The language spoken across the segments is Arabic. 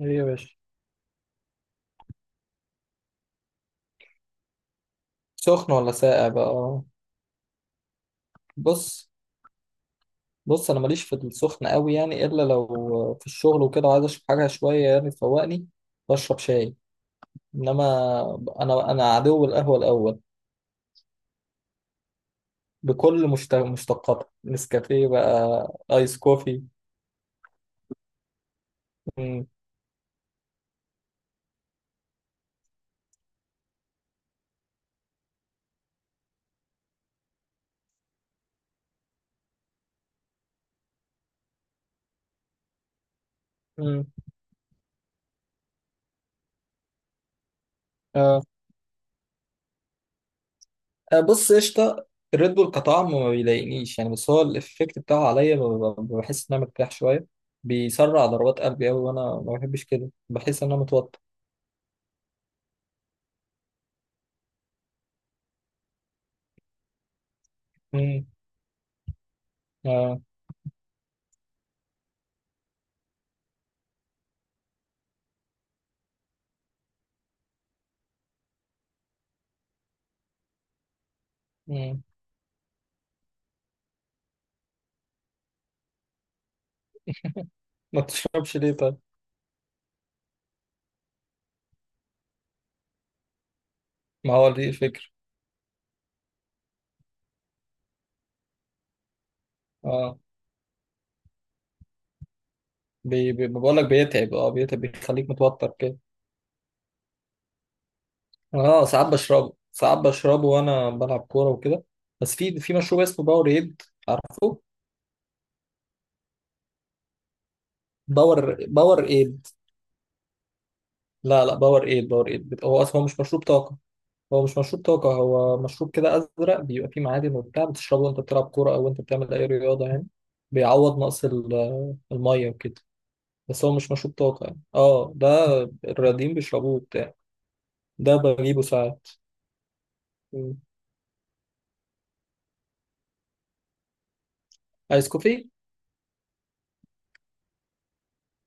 ايه يا باشا. سخن ولا ساقع بقى؟ بص بص، انا ماليش في السخن قوي، يعني الا لو في الشغل وكده وعايز اشرب حاجه شويه يعني تفوقني، بشرب شاي. انما انا عدو القهوه الاول بكل مشتقاتها، نسكافيه بقى، ايس كوفي. مم. امم. اه. أه، بص قشطه. الريد بول كطعم ما بيضايقنيش يعني، بس هو الافكت بتاعه عليا بحس ان انا مرتاح شويه، بيسرع ضربات قلبي قوي، وانا ما بحبش كده، بحس ان انا متوتر. امم. مم. ما تشربش ليه طيب؟ ما هو دي الفكرة. اه، بي بي بقول لك بيتعب. اه، بيتعب، بيخليك متوتر كده. اه، ساعات بشربه، ساعات بشربه وانا بلعب كورة وكده. بس في مشروب اسمه باور ايد، عارفه؟ باور ايد. لا لا، باور ايد باور ايد هو اصلا هو مش مشروب طاقة. هو مش مشروب طاقة، هو مشروب كده ازرق، بيبقى فيه معادن وبتاع، بتشربه وانت بتلعب كورة او انت بتعمل اي رياضة يعني، بيعوض نقص المية وكده. بس هو مش مشروب طاقة يعني، اه، ده الرياضيين بيشربوه وبتاع، ده بجيبه ساعات. مم. ايس كوفي.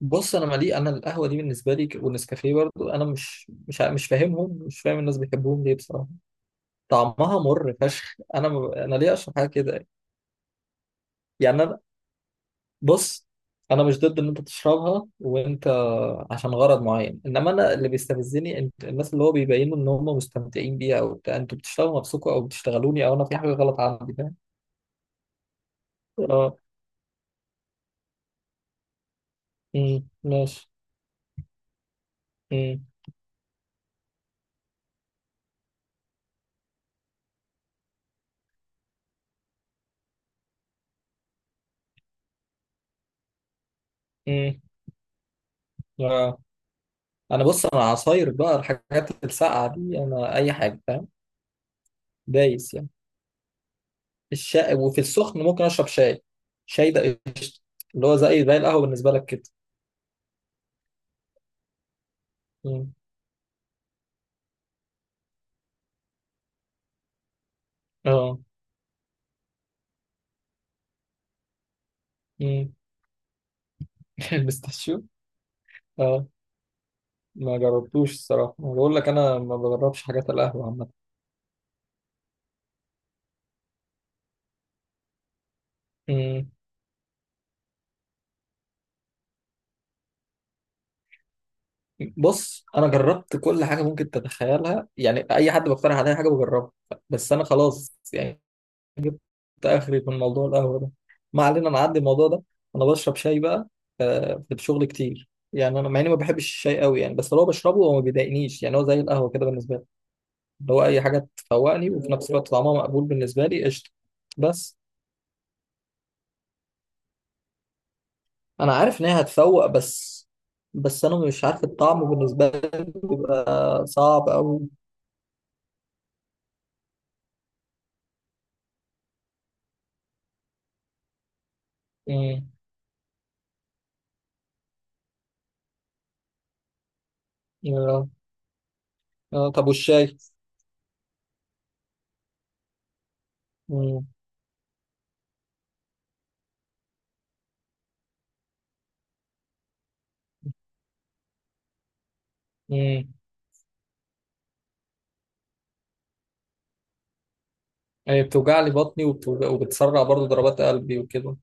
بص، انا مالي، انا القهوه دي بالنسبه لي والنسكافيه برضو، انا مش مش مش فاهم الناس بيحبوهم ليه بصراحه. طعمها مر فشخ، انا ما ب- انا ليه اشرب حاجه كده؟ يعني انا، بص، انا مش ضد ان انت تشربها وانت عشان غرض معين، انما انا اللي بيستفزني الناس اللي هو بيبينوا ان هم مستمتعين بيها او بتاع، انتوا بتشتغلوا نفسكم او بتشتغلوني او انا في حاجه غلط عندي، فاهم؟ اه. امم، ماشي. امم. امم. انا، بص، انا عصاير بقى، الحاجات الساقعه دي انا اي حاجه، فاهم؟ دايس يعني. الشاي وفي السخن ممكن اشرب شاي. شاي ده قشطه. اللي هو زي القهوه بالنسبه لك كده. مم. اه. مم. البستاشيو. اه، ما جربتوش الصراحه. أنا بقول لك انا ما بجربش حاجات القهوه عامه. مم. بص، انا جربت كل حاجه ممكن تتخيلها يعني، اي حد بقترح عليا حاجه بجربها. بس انا خلاص يعني، ده اخري في الموضوع القهوه ده، ما علينا نعدي الموضوع ده. انا بشرب شاي بقى في الشغل كتير، يعني انا مع اني ما بحبش الشاي قوي يعني، بس لو بشربه هو ما بيضايقنيش يعني، هو زي القهوه كده بالنسبه لي، اللي هو اي حاجه تفوقني وفي نفس الوقت طعمها مقبول بالنسبه لي، قشطه. بس انا عارف ان هي هتفوق، بس بس انا مش عارف الطعم بالنسبه لي بيبقى صعب قوي. مم. آه. آه، طب والشاي؟ مم. مم. هي بتوجع لي بطني وبتسرع برضو ضربات قلبي وكده.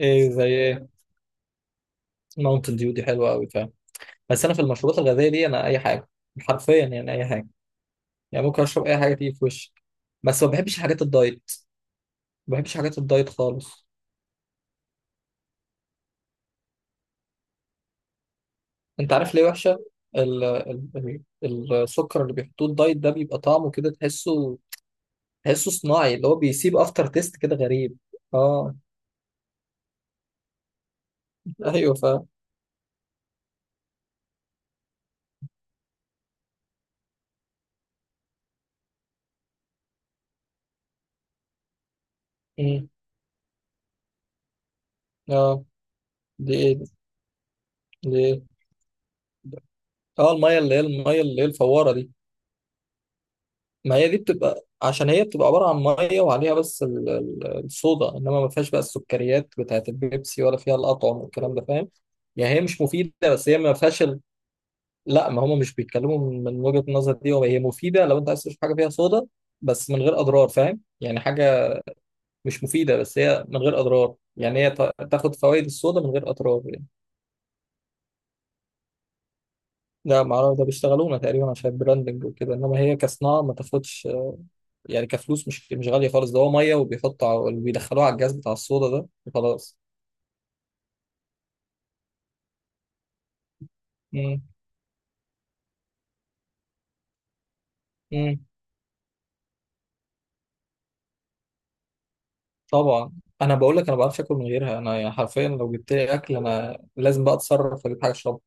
ايه زي ايه؟ ماونتن ديو دي حلوه قوي، فاهم؟ بس انا في المشروبات الغازيه دي انا اي حاجه، حرفيا يعني اي حاجه، يعني ممكن اشرب اي حاجه تيجي في وشي، بس ما بحبش حاجات الدايت، ما بحبش حاجات الدايت خالص. انت عارف ليه وحشه؟ ال ال ال السكر اللي بيحطوه الدايت ده بيبقى طعمه كده تحسه صناعي، اللي هو بيسيب افتر تيست كده غريب. اه. ايوه، فاهم. مم. اه. دي ايه؟ دي ايه؟ اه، الميه اللي هي الفواره دي. ما هي دي بتبقى عشان هي بتبقى عبارة عن مية وعليها بس الصودا، إنما ما فيهاش بقى السكريات بتاعة البيبسي، ولا فيها الأطعم والكلام ده، فاهم؟ يعني هي مش مفيدة، بس هي ما فيهاش. لا، ما هم مش بيتكلموا من وجهة النظر دي، هو هي مفيدة لو أنت عايز تشرب حاجة فيها صودا، بس من غير أضرار، فاهم؟ يعني حاجة مش مفيدة بس هي من غير أضرار، يعني هي تاخد فوائد الصودا من غير أضرار يعني. ده معرفة، ده بيشتغلونا تقريبا عشان البراندنج وكده، إنما هي كصناعة ما تاخدش، يعني كفلوس مش غالية خالص، ده هو مية وبيحطوا وبيدخلوها على الجهاز بتاع الصودا ده وخلاص. مم. مم. طبعا. انا بقول لك انا ما بعرفش اكل من غيرها، انا يعني حرفيا لو جبت لي اكل انا لازم بقى اتصرف اجيب حاجه اشربها،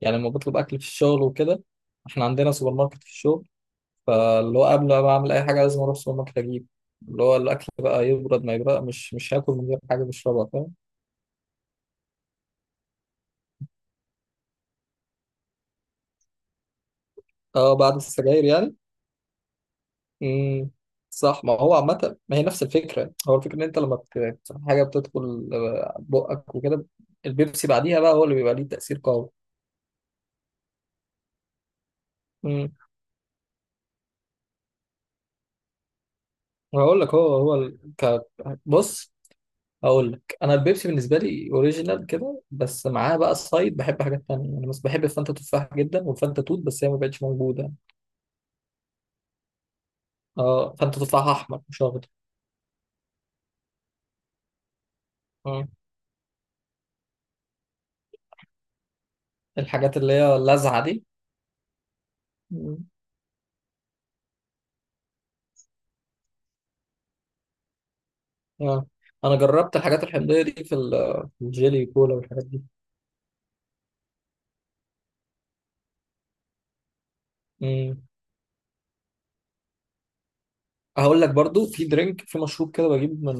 يعني لما بطلب اكل في الشغل وكده، احنا عندنا سوبر ماركت في الشغل، فاللي هو قبل ما اعمل اي حاجه لازم اروح السوبر ماركت اجيب اللي هو الاكل بقى، يبرد ما يبرد، مش هاكل من غير حاجه بشربها، فاهم؟ اه، بعد السجاير يعني. امم. صح، ما هو عامة، ما هي نفس الفكرة، هو الفكرة ان انت لما حاجة بتدخل بقك وكده، البيبسي بعديها بقى هو اللي بيبقى ليه تأثير قوي. امم. هقول لك، هو هو بص. هقول لك انا البيبسي بالنسبة لي اوريجينال كده، بس معاه بقى سايد بحب حاجات تانية يعني، بس بحب الفانتا تفاح جدا والفانتا توت، بس هي ما بقتش موجودة. اه، فانتا تفاح احمر مش اخضر. مم. الحاجات اللي هي اللاذعة دي. مم. اه. انا جربت الحاجات الحمضية دي في في الجيلي كولا والحاجات دي. مم. هقول لك برضو في مشروب كده بجيب من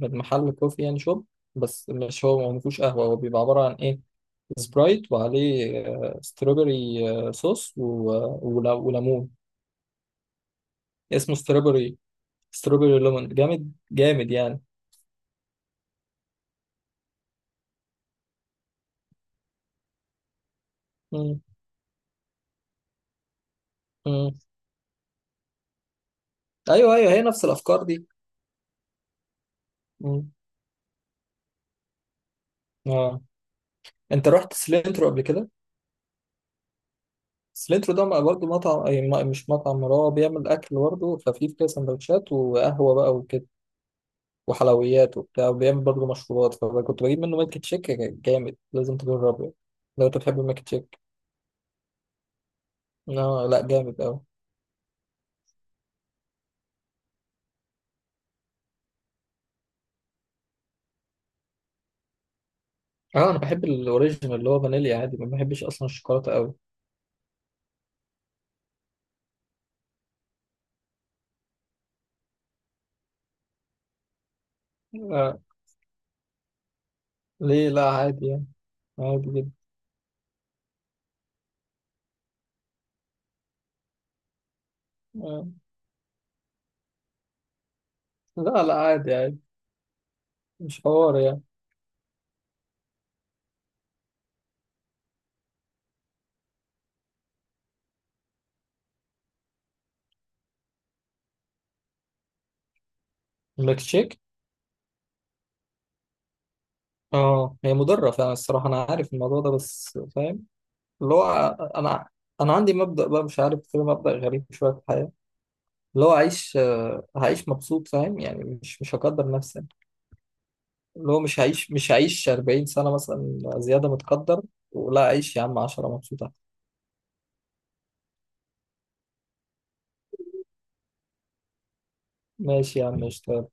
محل كوفي يعني شوب، بس مش هو ما فيهوش قهوة، هو بيبقى عبارة عن ايه، سبرايت وعليه ستروبري صوص وليمون، اسمه ستروبري ليمون جامد جامد يعني. مم. مم. ايوه، ايوه، هي نفس الافكار دي. مم. اه. انت رحت سلينترو قبل كده؟ سلينترو ده برضه مطعم، مش مطعم، هو بيعمل اكل برضه خفيف كده، سندوتشات وقهوة بقى وحلويات وبتاع، وبيعمل برضه مشروبات، فكنت بجيب منه ميلك تشيك جامد، لازم تجربه لو انت بتحب الميلك تشيك. لا لا، جامد قوي. اه، انا بحب الاوريجينال اللي هو فانيليا عادي، ما بحبش اصلا الشوكولاته قوي. لا، ليه؟ لا، عادي يعني. عادي جدا. آه. لا لا، عادي، عادي. مش حوار يعني. الميلك تشيك؟ اه، هي مضره فعلا الصراحه، انا عارف الموضوع ده، بس فاهم اللي هو، انا انا عندي مبدأ بقى مش عارف كده، مبدأ غريب شويه في الحياه، اللي هو هعيش مبسوط، فاهم يعني؟ مش هقدر نفسي، اللي هو مش هعيش، 40 سنة مثلا زيادة متقدر، ولا أعيش يا عم 10 مبسوطة. ماشي يا عم، اشتغل.